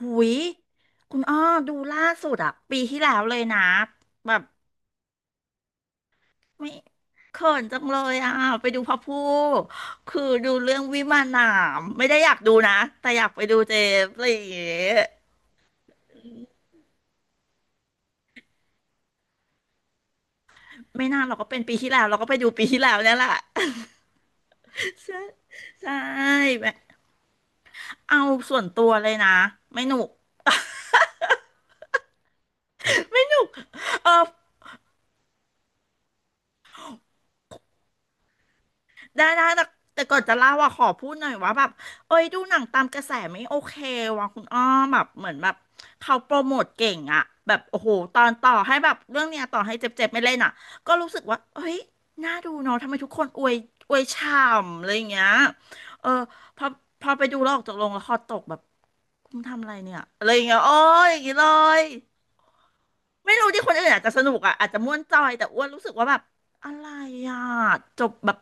หุยคุณอ้อดูล่าสุดอะปีที่แล้วเลยนะแบบไม่เขินจังเลยอะไปดูพระผู้คือดูเรื่องวิมานหนามไม่ได้อยากดูนะแต่อยากไปดูเจฟอะไรอย่างเงี้ยไม่นานเราก็เป็นปีที่แล้วเราก็ไปดูปีที่แล้วเนี่ยแหละ ใช่ใช่แบบเอาส่วนตัวเลยนะไม่หนุก ไม่หนุกเออ ได้แต่แต่ก่อนจะเล่าว่าขอพูดหน่อยว่าแบบเอ้ยดูหนังตามกระแสไม่โอเคว่ะคุณอ้อมแบบเหมือนแบบเขาโปรโมทเก่งอะแบบโอ้โหตอนต่อให้แบบเรื่องเนี้ยต่อให้เจ็บๆไม่เล่นอะก็รู้สึกว่าเอ้ยน่าดูเนาะทำไมทุกคนอวยอวยฉ่ำอะไรอย่างเงี้ยเออพอพอไปดูแล้วออกจากโรงละครตกแบบคุณทำอะไรเนี่ยอะไรอย่างเงี้ยโอ้ยอย่างงี้เลย ไม่รู้ที่คนอื่นอาจจะสนุกอ่ะอาจจะม่วนจอยแต่อ้วนรู้สึกว่าแบบอะไรอ่ะจบแบบ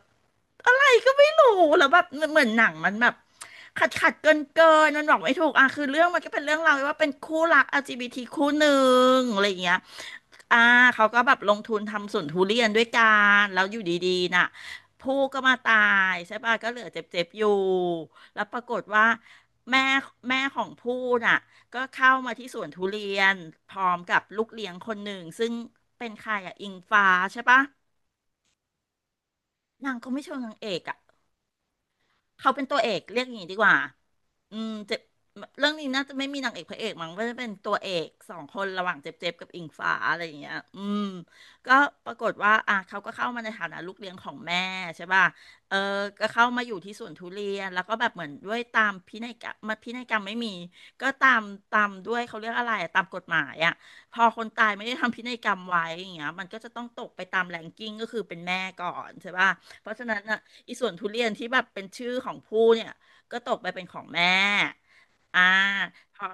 อะไรก็ไม่รู้แล้วแบบเหมือนหนังมันแบบขัดขัดเกินเกินมันบอกไม่ถูกอ่ะคือเรื่องมันก็เป็นเรื่องราวว่าเป็นคู่รัก LGBT คู่หนึ่งอะไรอย่างเงี้ยอ่าเขาก็แบบลงทุนทำสวนทุเรียนด้วยกันแล้วอยู่ดีๆน่ะผู้ก็มาตายใช่ป่ะก็เหลือเจ็บๆอยู่แล้วปรากฏว่าแม่แม่ของผู้น่ะ ก็เข้ามาที่สวนทุเรียนพร้อมกับลูกเลี้ยงคนหนึ่งซึ่งเป็นใครอะอิงฟ้าใช่ปะนางก็ไม่เชิงนางเอกอะ เขาเป็นตัวเอกเรียกอย่างนี้ดีกว่าอืมเจ็บเรื่องนี้น่าจะไม่มีนางเอกพระเอกมั้งก็จะเป็นตัวเอกสองคนระหว่างเจ็บๆกับอิงฟ้าอะไรอย่างเงี้ยอืมก็ปรากฏว่าอ่ะเขาก็เข้ามาในฐานะลูกเลี้ยงของแม่ใช่ป่ะ เออก็เข้ามาอยู่ที่สวนทุเรียนแล้วก็แบบเหมือนด้วยตามพินัยกรรมมันพินัยกรรมไม่มีก็ตามตามด้วยเขาเรียกอะไรอะตามกฎหมายอ่ะพอคนตายไม่ได้ทำพินัยกรรมไว้อย่างเงี้ยมันก็จะต้องตกไปตามแรงกิ้งก็คือเป็นแม่ก่อนใช่ป่ะเพราะฉะนั้นน่ะ อีส่วนทุเรียนที่แบบเป็นชื่อของผู้เนี่ยก็ตกไปเป็นของแม่ อ่าพอ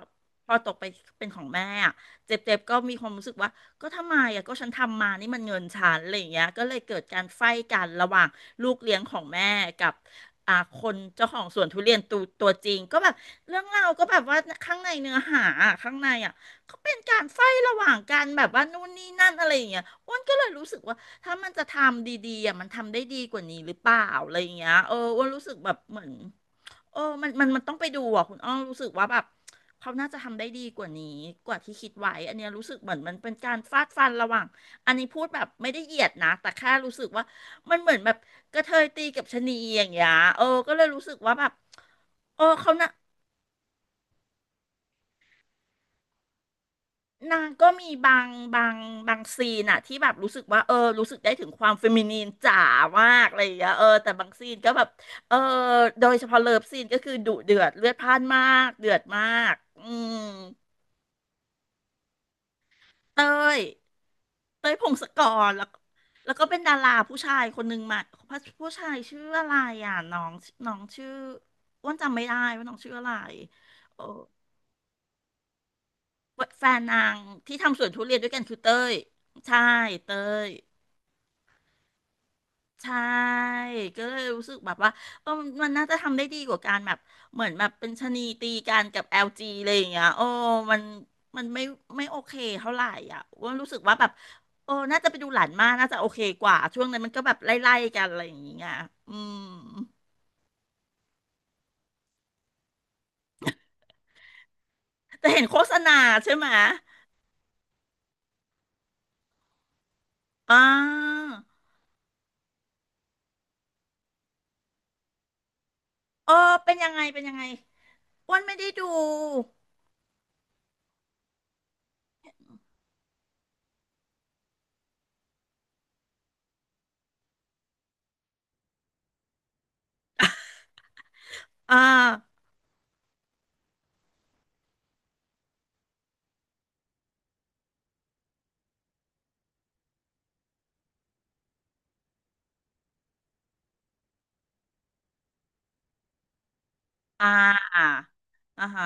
พอตกไปเป็นของแม่อะเจ็บเจ็บก็มีความรู้สึกว่าก็ทำไมอ่ะก็ฉันทำมานี่มันเงินฉันอะไรอย่างเงี้ยก็เลยเกิดการไฟกันระหว่างลูกเลี้ยงของแม่กับอ่าคนเจ้าของสวนทุเรียนตัวจริงก็แบบเรื่องราวก็แบบว่าข้างในเนื้อหาอะข้างในอ่ะก็เป็นการไฟระหว่างกันแบบว่านู่นนี่นั่นอะไรอย่างเงี้ยอ้วนก็เลยรู้สึกว่าถ้ามันจะทำดีๆอ่ะมันทำได้ดีกว่านี้หรือเปล่าอะไรอย่างเงี้ยเอออ้วนรู้สึกแบบเหมือน เออมันต้องไปดูอ่ะคุณอ้อรู้สึกว่าแบบเขาน่าจะทำได้ดีกว่านี้กว่าที่คิดไว้อันเนี้ยรู้สึกเหมือนมันเป็นการฟาดฟันระหว่างอันนี้พูดแบบไม่ได้เหยียดนะแต่แค่รู้สึกว่ามันเหมือนแบบกระเทยตีกับชะนีอย่างเงี้ยเออก็เลยรู้สึกว่าแบบเออเขานะนางก็มีบางบางซีนอะที่แบบรู้สึกว่าเออรู้สึกได้ถึงความเฟมินีนจ๋ามากอะไรอย่างเงี้ยเออแต่บางซีนก็แบบเออโดยเฉพาะเลิฟซีนก็คือดุเดือดเลือดพล่านมากเดือดมากอืม เต้ยเต้ยพงศกรแล้วก็เป็นดาราผู้ชายคนหนึ่งมาผู้ชายชื่ออะไรอ่ะ น้อง น้องชื่ออ้วนจำไม่ได้ว่าน้องชื่ออะไรเออแฟนนางที่ทำสวนทุเรียนด้วยกันคือเต้ยใช่เต้ย ใช่ก็เลยรู้สึกแบบว่าเออมันน่าจะทำได้ดีกว่าการแบบเหมือนแบบเป็นชะนีตีกันกับ LG อลจีอะไรอย่างเงี้ยโอ้มันมันไม่โอเคเท่าไหร่อ่ะว่ารู้สึกว่าแบบโอ้น่าจะไปดูหลานมากน่าจะโอเคกว่าช่วงนั้นมันก็แบบไล่ๆกันอะไรอย่างเงี้ยอืมแต่เห็นโฆษณาใช่ไหมอ่าเออเป็นยังไงเป็นยังไงอ้วนไม่ได้ดูอ่าอ่าอ่าอ่าฮะ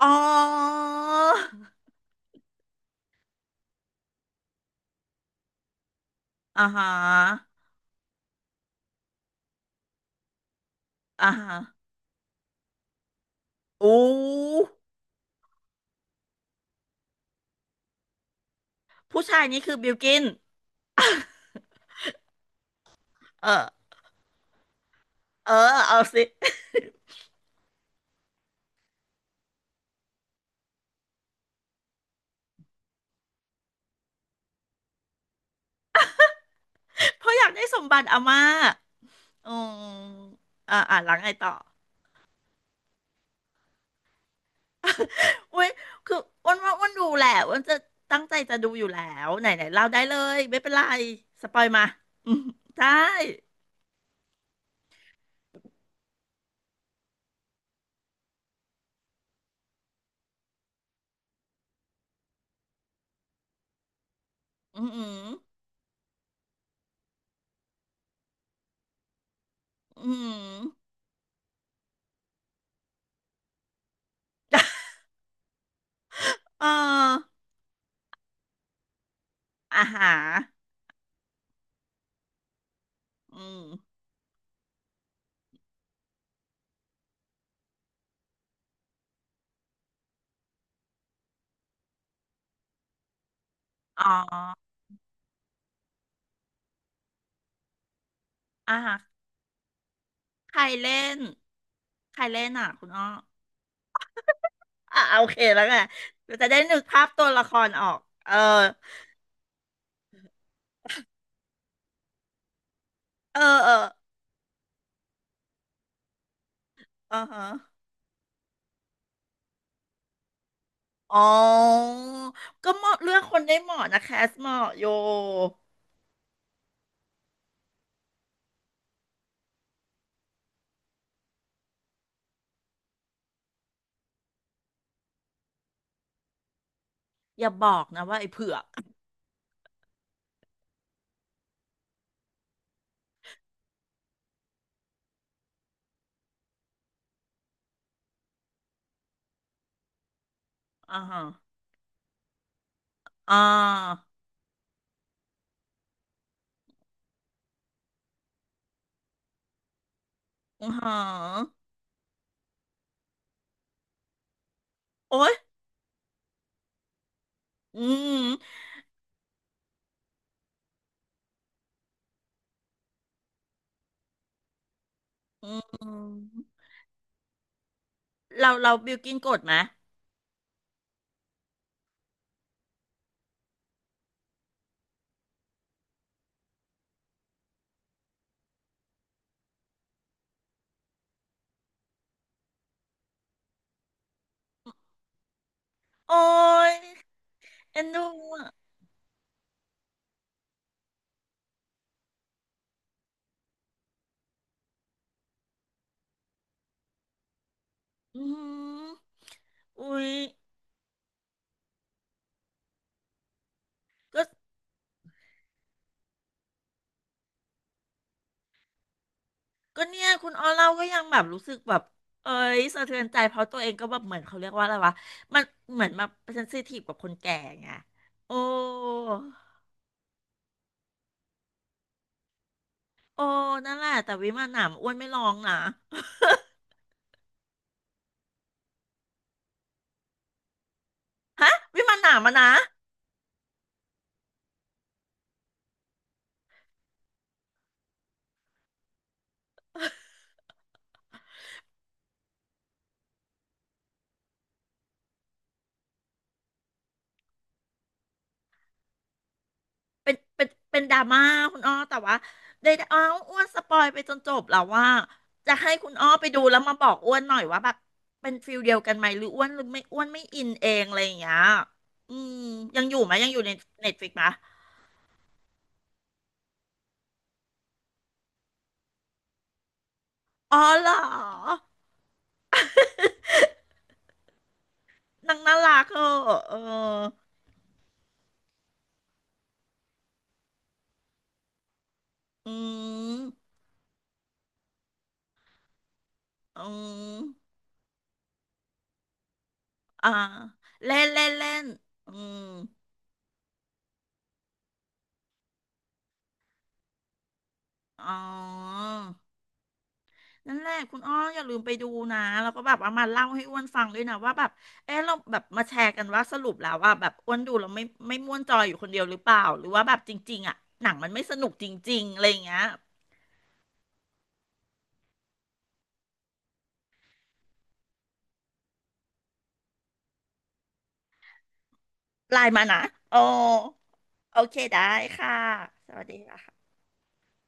อ๋ออ่าฮะ อ่าฮะอู้ผู้ชายนี้คือบิลกิน เออเออเอาสิ เพราะอยากได้สมบัติอาม่าอืมอ่าอ่าหลังไงต่ออุ้ยคืออ้วันว่าอ้วันดูแหละอ้วันจะตั้งใจจะดูอยู่แล้วไหนไหนเล่าได้เลย ไม่เป็นไร สปอยมา อืมได้อืมอืมอืมเอออาหารอืมอ๋ออาหารใครเล่น ใครเล่นอ่ะคุณอ้อ อ่ะโอเคแล้วไงจะได้นึกภาพตัวละครออกเออเออเอออ่าฮะอ๋อก็เหมาะเลือกคนได้เหมาะนะแคสเหมาะโยอย่าบอกนะว่าไอ้เผือกอ่าฮะอ่าอือฮะโอ๊ยอืมอืมเราเราบิวกินกดไหมโอ๊ยเอ็นดูอ่ะอืมอุ้ยก็ ก็เนี่ยคุณออเล่าก็ยังแบบรู้สึกแบบเอ้ยสะเทือนใจเพราะตัวเองก็แบบเหมือนเขาเรียกว่าอะไรวะมันเหมือนมาเซนซิทีฟกับคนแก่ไงโอ้โอ้นั่นแหละแต่วิมานหนามอ้วนไม่ลองนะ วิมานหนามอะนะเป็นดราม่าคุณอ้อแต่ว่าได้อ้าวอ้วนสปอยไปจนจบแล้วว่าจะให้คุณอ้อไปดูแล้วมาบอกอ้วนหน่อยว่าแบบเป็นฟิลเดียวกันไหมหรืออ้วนหรือไม่อ้วนไม่อินเองอะไรอย่างเงี้ยอืมยังอยู่ไหมยังอยู่ในเน็ตฟลิกซ์ไหมอ๋อเหรอ นางน่ารักเออเอออืมอืมอ่าเล่นเล่นเล่นอืมอ๋อนั่นแหละคุณอ้ออย่าลืมไปดูนะ แล้วก็แบบเอามาเล่าให้อ้วนฟังด้วยนะว่าแบบเออเราแบบมาแชร์กันว่าสรุปแล้วว่าแบบอ้วนดูแล้วไม่ม่วนจอยอยู่คนเดียวหรือเปล่าหรือว่าแบบจริงๆอ่ะหนังมันไม่สนุกจริงๆอะไรอย่างเงี้ยไลน์มานะโอ้โอเคได้ค่ะสวัสดีค่ะ